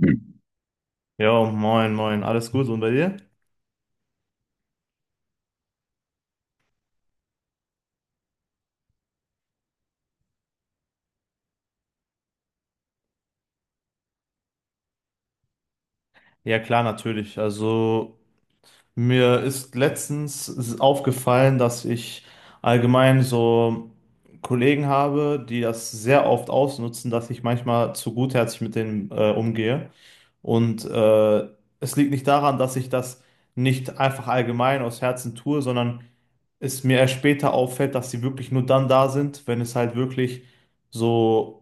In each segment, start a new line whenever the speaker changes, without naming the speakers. Hm. Jo, moin, moin, alles gut und bei dir? Ja, klar, natürlich. Also, mir ist letztens aufgefallen, dass ich allgemein so Kollegen habe, die das sehr oft ausnutzen, dass ich manchmal zu gutherzig mit denen umgehe. Und äh, Es liegt nicht daran, dass ich das nicht einfach allgemein aus Herzen tue, sondern es mir erst später auffällt, dass sie wirklich nur dann da sind, wenn es halt wirklich so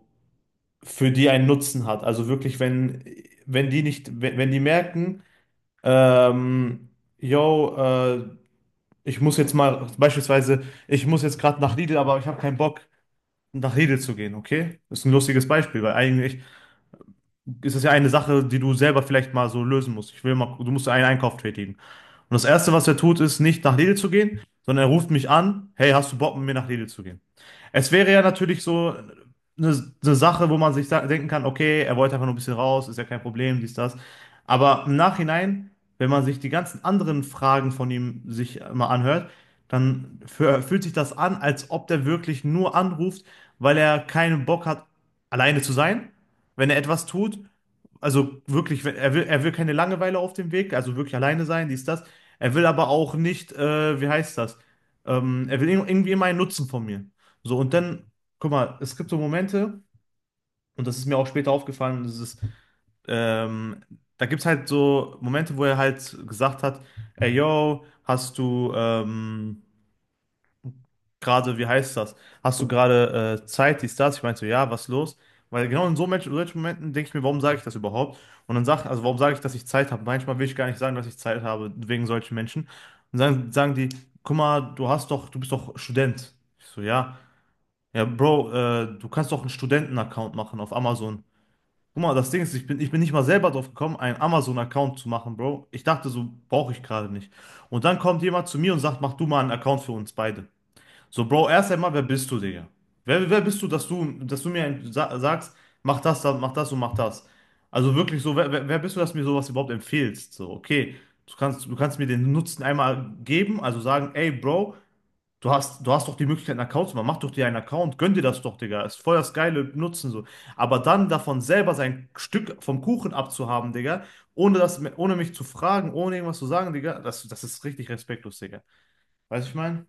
für die einen Nutzen hat. Also wirklich, wenn die nicht, wenn die merken, ähm, yo, ich muss jetzt mal, beispielsweise, ich muss jetzt gerade nach Lidl, aber ich habe keinen Bock, nach Lidl zu gehen, okay? Das ist ein lustiges Beispiel, weil eigentlich ist es ja eine Sache, die du selber vielleicht mal so lösen musst. Ich will mal, du musst einen Einkauf tätigen. Und das Erste, was er tut, ist nicht nach Lidl zu gehen, sondern er ruft mich an: Hey, hast du Bock, mit mir nach Lidl zu gehen? Es wäre ja natürlich so eine Sache, wo man sich denken kann, okay, er wollte einfach nur ein bisschen raus, ist ja kein Problem, dies, das. Aber im Nachhinein, wenn man sich die ganzen anderen Fragen von ihm sich mal anhört, dann fühlt sich das an, als ob der wirklich nur anruft, weil er keinen Bock hat, alleine zu sein, wenn er etwas tut, also wirklich, er will keine Langeweile auf dem Weg, also wirklich alleine sein, dies, das. Er will aber auch nicht, wie heißt das? Er will irgendwie immer einen Nutzen von mir. So, und dann, guck mal, es gibt so Momente, und das ist mir auch später aufgefallen, und das ist, ähm, da gibt es halt so Momente, wo er halt gesagt hat: Ey, yo, hast du, gerade, wie heißt das? Hast du gerade Zeit, dies, das? Ich meinte so: Ja, was ist los? Weil genau in so solchen Momenten denke ich mir, warum sage ich das überhaupt? Und dann sag, also warum sage ich, dass ich Zeit habe? Manchmal will ich gar nicht sagen, dass ich Zeit habe, wegen solchen Menschen. Und dann sagen die: Guck mal, du hast doch, du bist doch Student. Ich so: Ja. Ja, Bro, du kannst doch einen Studenten-Account machen auf Amazon. Guck mal, das Ding ist, ich bin nicht mal selber drauf gekommen, einen Amazon-Account zu machen, Bro. Ich dachte, so brauche ich gerade nicht. Und dann kommt jemand zu mir und sagt: Mach du mal einen Account für uns beide. So, Bro, erst einmal, wer bist du, Digga? Wer bist du, dass du mir sa sagst, mach das, mach das und mach das? Also wirklich so, wer bist du, dass du mir sowas überhaupt empfiehlst? So, okay, du kannst mir den Nutzen einmal geben, also sagen: Ey, Bro, du hast doch die Möglichkeit, einen Account zu machen, mach doch dir einen Account, gönn dir das doch, Digga, ist voll das geile Nutzen so. Aber dann davon selber sein Stück vom Kuchen abzuhaben, Digga, ohne mich zu fragen, ohne irgendwas zu sagen, Digga, das ist richtig respektlos, Digga. Weißt du, was ich meine?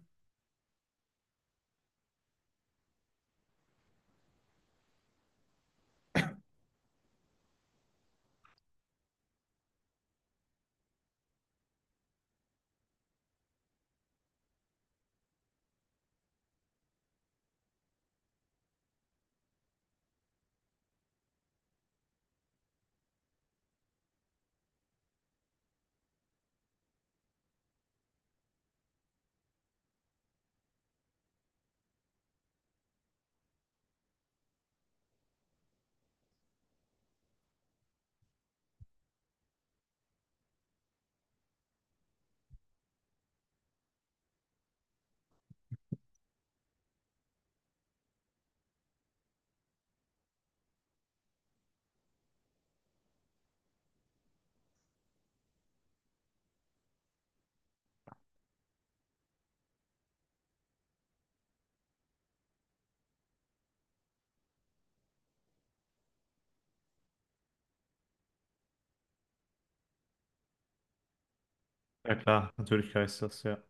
Ja klar, natürlich heißt das, ja.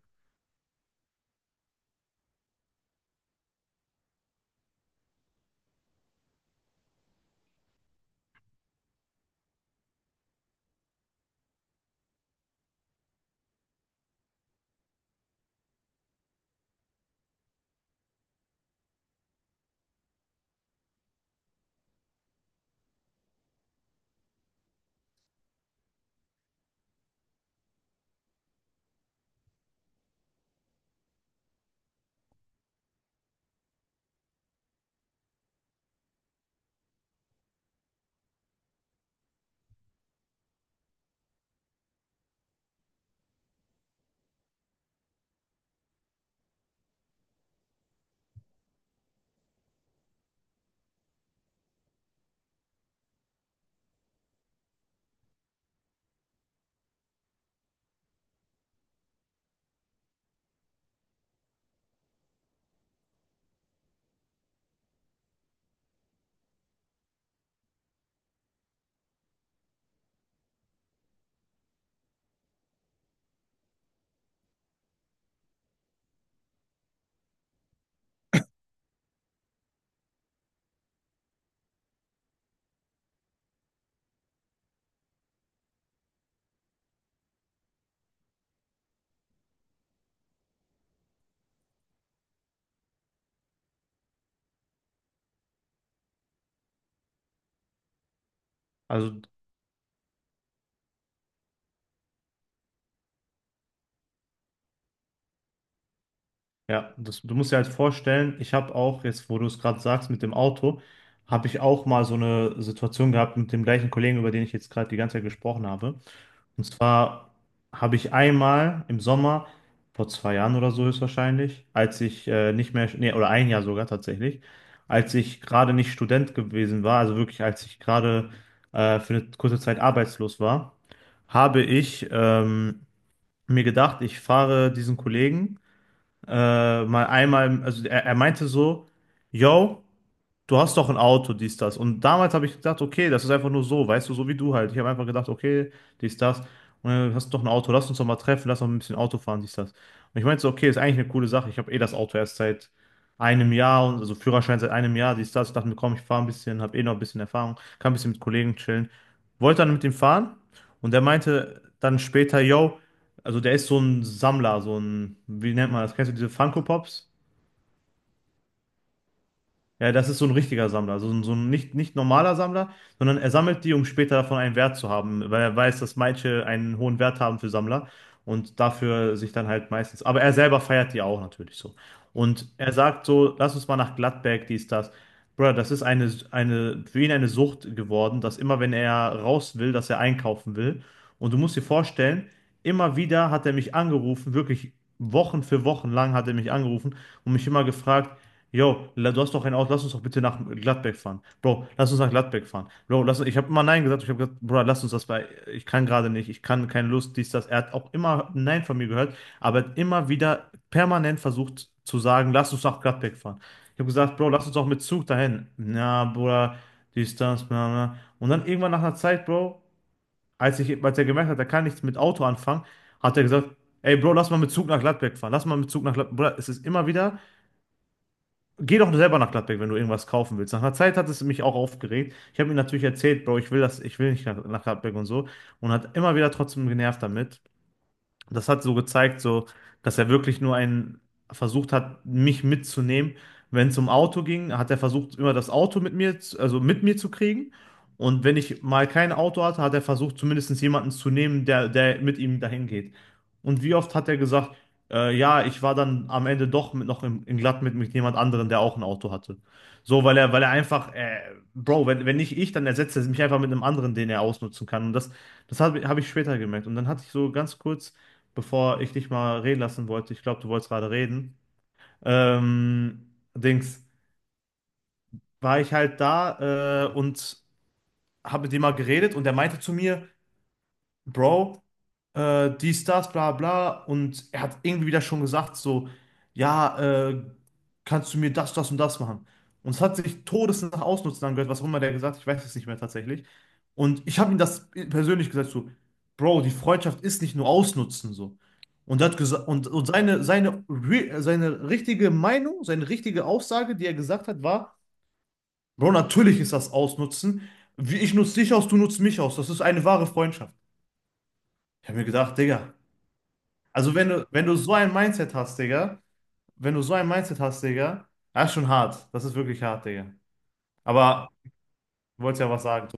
Also, ja, das, du musst dir halt vorstellen, ich habe auch, jetzt wo du es gerade sagst mit dem Auto, habe ich auch mal so eine Situation gehabt mit dem gleichen Kollegen, über den ich jetzt gerade die ganze Zeit gesprochen habe. Und zwar habe ich einmal im Sommer, vor zwei Jahren oder so höchstwahrscheinlich, als ich nicht mehr, nee, oder ein Jahr sogar tatsächlich, als ich gerade nicht Student gewesen war, also wirklich als ich gerade für eine kurze Zeit arbeitslos war, habe ich mir gedacht, ich fahre diesen Kollegen mal einmal, also er meinte so: Yo, du hast doch ein Auto, dies, das. Und damals habe ich gedacht, okay, das ist einfach nur so, weißt du, so wie du halt. Ich habe einfach gedacht, okay, dies, das. Und dann hast du doch ein Auto, lass uns doch mal treffen, lass doch ein bisschen Auto fahren, dies, das. Und ich meinte so, okay, ist eigentlich eine coole Sache. Ich habe eh das Auto erst seit einem Jahr, und also Führerschein seit einem Jahr, dies, das. Ich dachte mir, komm, ich fahre ein bisschen, habe eh noch ein bisschen Erfahrung, kann ein bisschen mit Kollegen chillen. Wollte dann mit ihm fahren und er meinte dann später, yo, also der ist so ein Sammler, so ein, wie nennt man das? Kennst du diese Funko Pops? Ja, das ist so ein richtiger Sammler, also so ein nicht normaler Sammler, sondern er sammelt die, um später davon einen Wert zu haben, weil er weiß, dass manche einen hohen Wert haben für Sammler und dafür sich dann halt meistens. Aber er selber feiert die auch natürlich so. Und er sagt so, lass uns mal nach Gladbeck, dies, das. Bruder, das ist eine, für ihn eine Sucht geworden, dass immer, wenn er raus will, dass er einkaufen will. Und du musst dir vorstellen, immer wieder hat er mich angerufen, wirklich Wochen für Wochen lang hat er mich angerufen und mich immer gefragt: Yo, du hast doch ein Auto, lass uns doch bitte nach Gladbeck fahren. Bro, lass uns nach Gladbeck fahren. Bro, lass, ich habe immer Nein gesagt. Ich habe gesagt, Bro, lass uns das bei. Ich kann gerade nicht, ich kann keine Lust, dies, das. Er hat auch immer Nein von mir gehört, aber hat immer wieder permanent versucht zu sagen, lass uns nach Gladbeck fahren. Ich habe gesagt, Bro, lass uns doch mit Zug dahin. Na, Bruder, dies, das, bla, bla. Und dann irgendwann nach einer Zeit, Bro, als ich, als er gemerkt hat, er kann nichts mit Auto anfangen, hat er gesagt: Ey, Bro, lass mal mit Zug nach Gladbeck fahren. Lass mal mit Zug nach Gladbeck. Bruder, es ist immer wieder. Geh doch selber nach Gladbeck, wenn du irgendwas kaufen willst. Nach einer Zeit hat es mich auch aufgeregt. Ich habe ihm natürlich erzählt, Bro, ich will das, ich will nicht nach, nach Gladbeck und so. Und hat immer wieder trotzdem genervt damit. Das hat so gezeigt, so, dass er wirklich nur einen versucht hat, mich mitzunehmen. Wenn es um Auto ging, hat er versucht, immer das Auto mit mir, also mit mir zu kriegen. Und wenn ich mal kein Auto hatte, hat er versucht, zumindest jemanden zu nehmen, der mit ihm dahin geht. Und wie oft hat er gesagt, ja, ich war dann am Ende doch mit, noch im, in Glatt mit jemand anderem, der auch ein Auto hatte. So, weil er einfach, Bro, wenn nicht ich, dann ersetzt er mich einfach mit einem anderen, den er ausnutzen kann. Und das hab ich später gemerkt. Und dann hatte ich so ganz kurz bevor ich dich mal reden lassen wollte, ich glaube, du wolltest gerade reden, Dings, war ich halt da und habe mit dem mal geredet und der meinte zu mir, Bro, dies, das, bla bla. Und er hat irgendwie wieder schon gesagt, so, ja, äh, kannst du mir das, das und das machen? Und es hat sich todesnach ausnutzen angehört, was auch immer der gesagt hat, ich weiß es nicht mehr tatsächlich. Und ich habe ihm das persönlich gesagt, so, Bro, die Freundschaft ist nicht nur ausnutzen, so. Und er hat gesagt, und re seine richtige Meinung, seine richtige Aussage, die er gesagt hat, war, Bro, natürlich ist das Ausnutzen. Wie ich nutze dich aus, du nutzt mich aus. Das ist eine wahre Freundschaft. Ich habe mir gedacht, Digga. Also wenn du, wenn du so ein Mindset hast, Digga, wenn du so ein Mindset hast, Digga, das ist schon hart. Das ist wirklich hart, Digga. Aber du wolltest ja was sagen.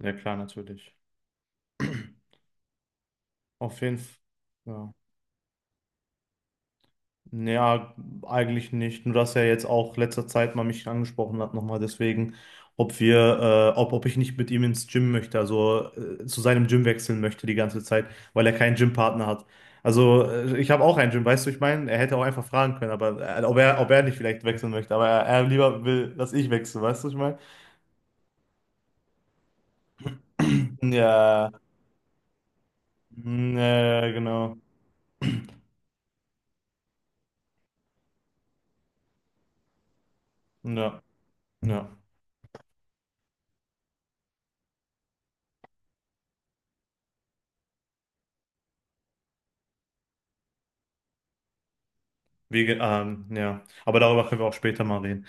Ja, klar, natürlich. Auf jeden Fall. Ja. Ja, eigentlich nicht. Nur dass er jetzt auch letzter Zeit mal mich angesprochen hat, nochmal deswegen, ob wir, ob, ob ich nicht mit ihm ins Gym möchte, also zu seinem Gym wechseln möchte die ganze Zeit, weil er keinen Gympartner hat. Also ich habe auch einen Gym, weißt du, ich meine, er hätte auch einfach fragen können, aber ob er nicht vielleicht wechseln möchte, aber er lieber will, dass ich wechsle, weißt du, ich meine? Ja, mm, ja, genau. Ja, ja. Wie, ja. Aber darüber können wir auch später mal reden.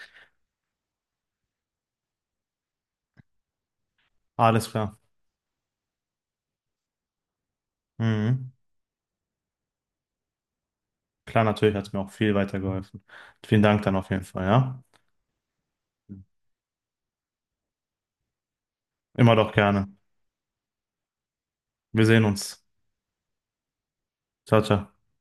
Alles klar. Mhm. Klar, natürlich hat es mir auch viel weitergeholfen. Vielen Dank dann auf jeden Fall, ja? Immer doch gerne. Wir sehen uns. Ciao, ciao.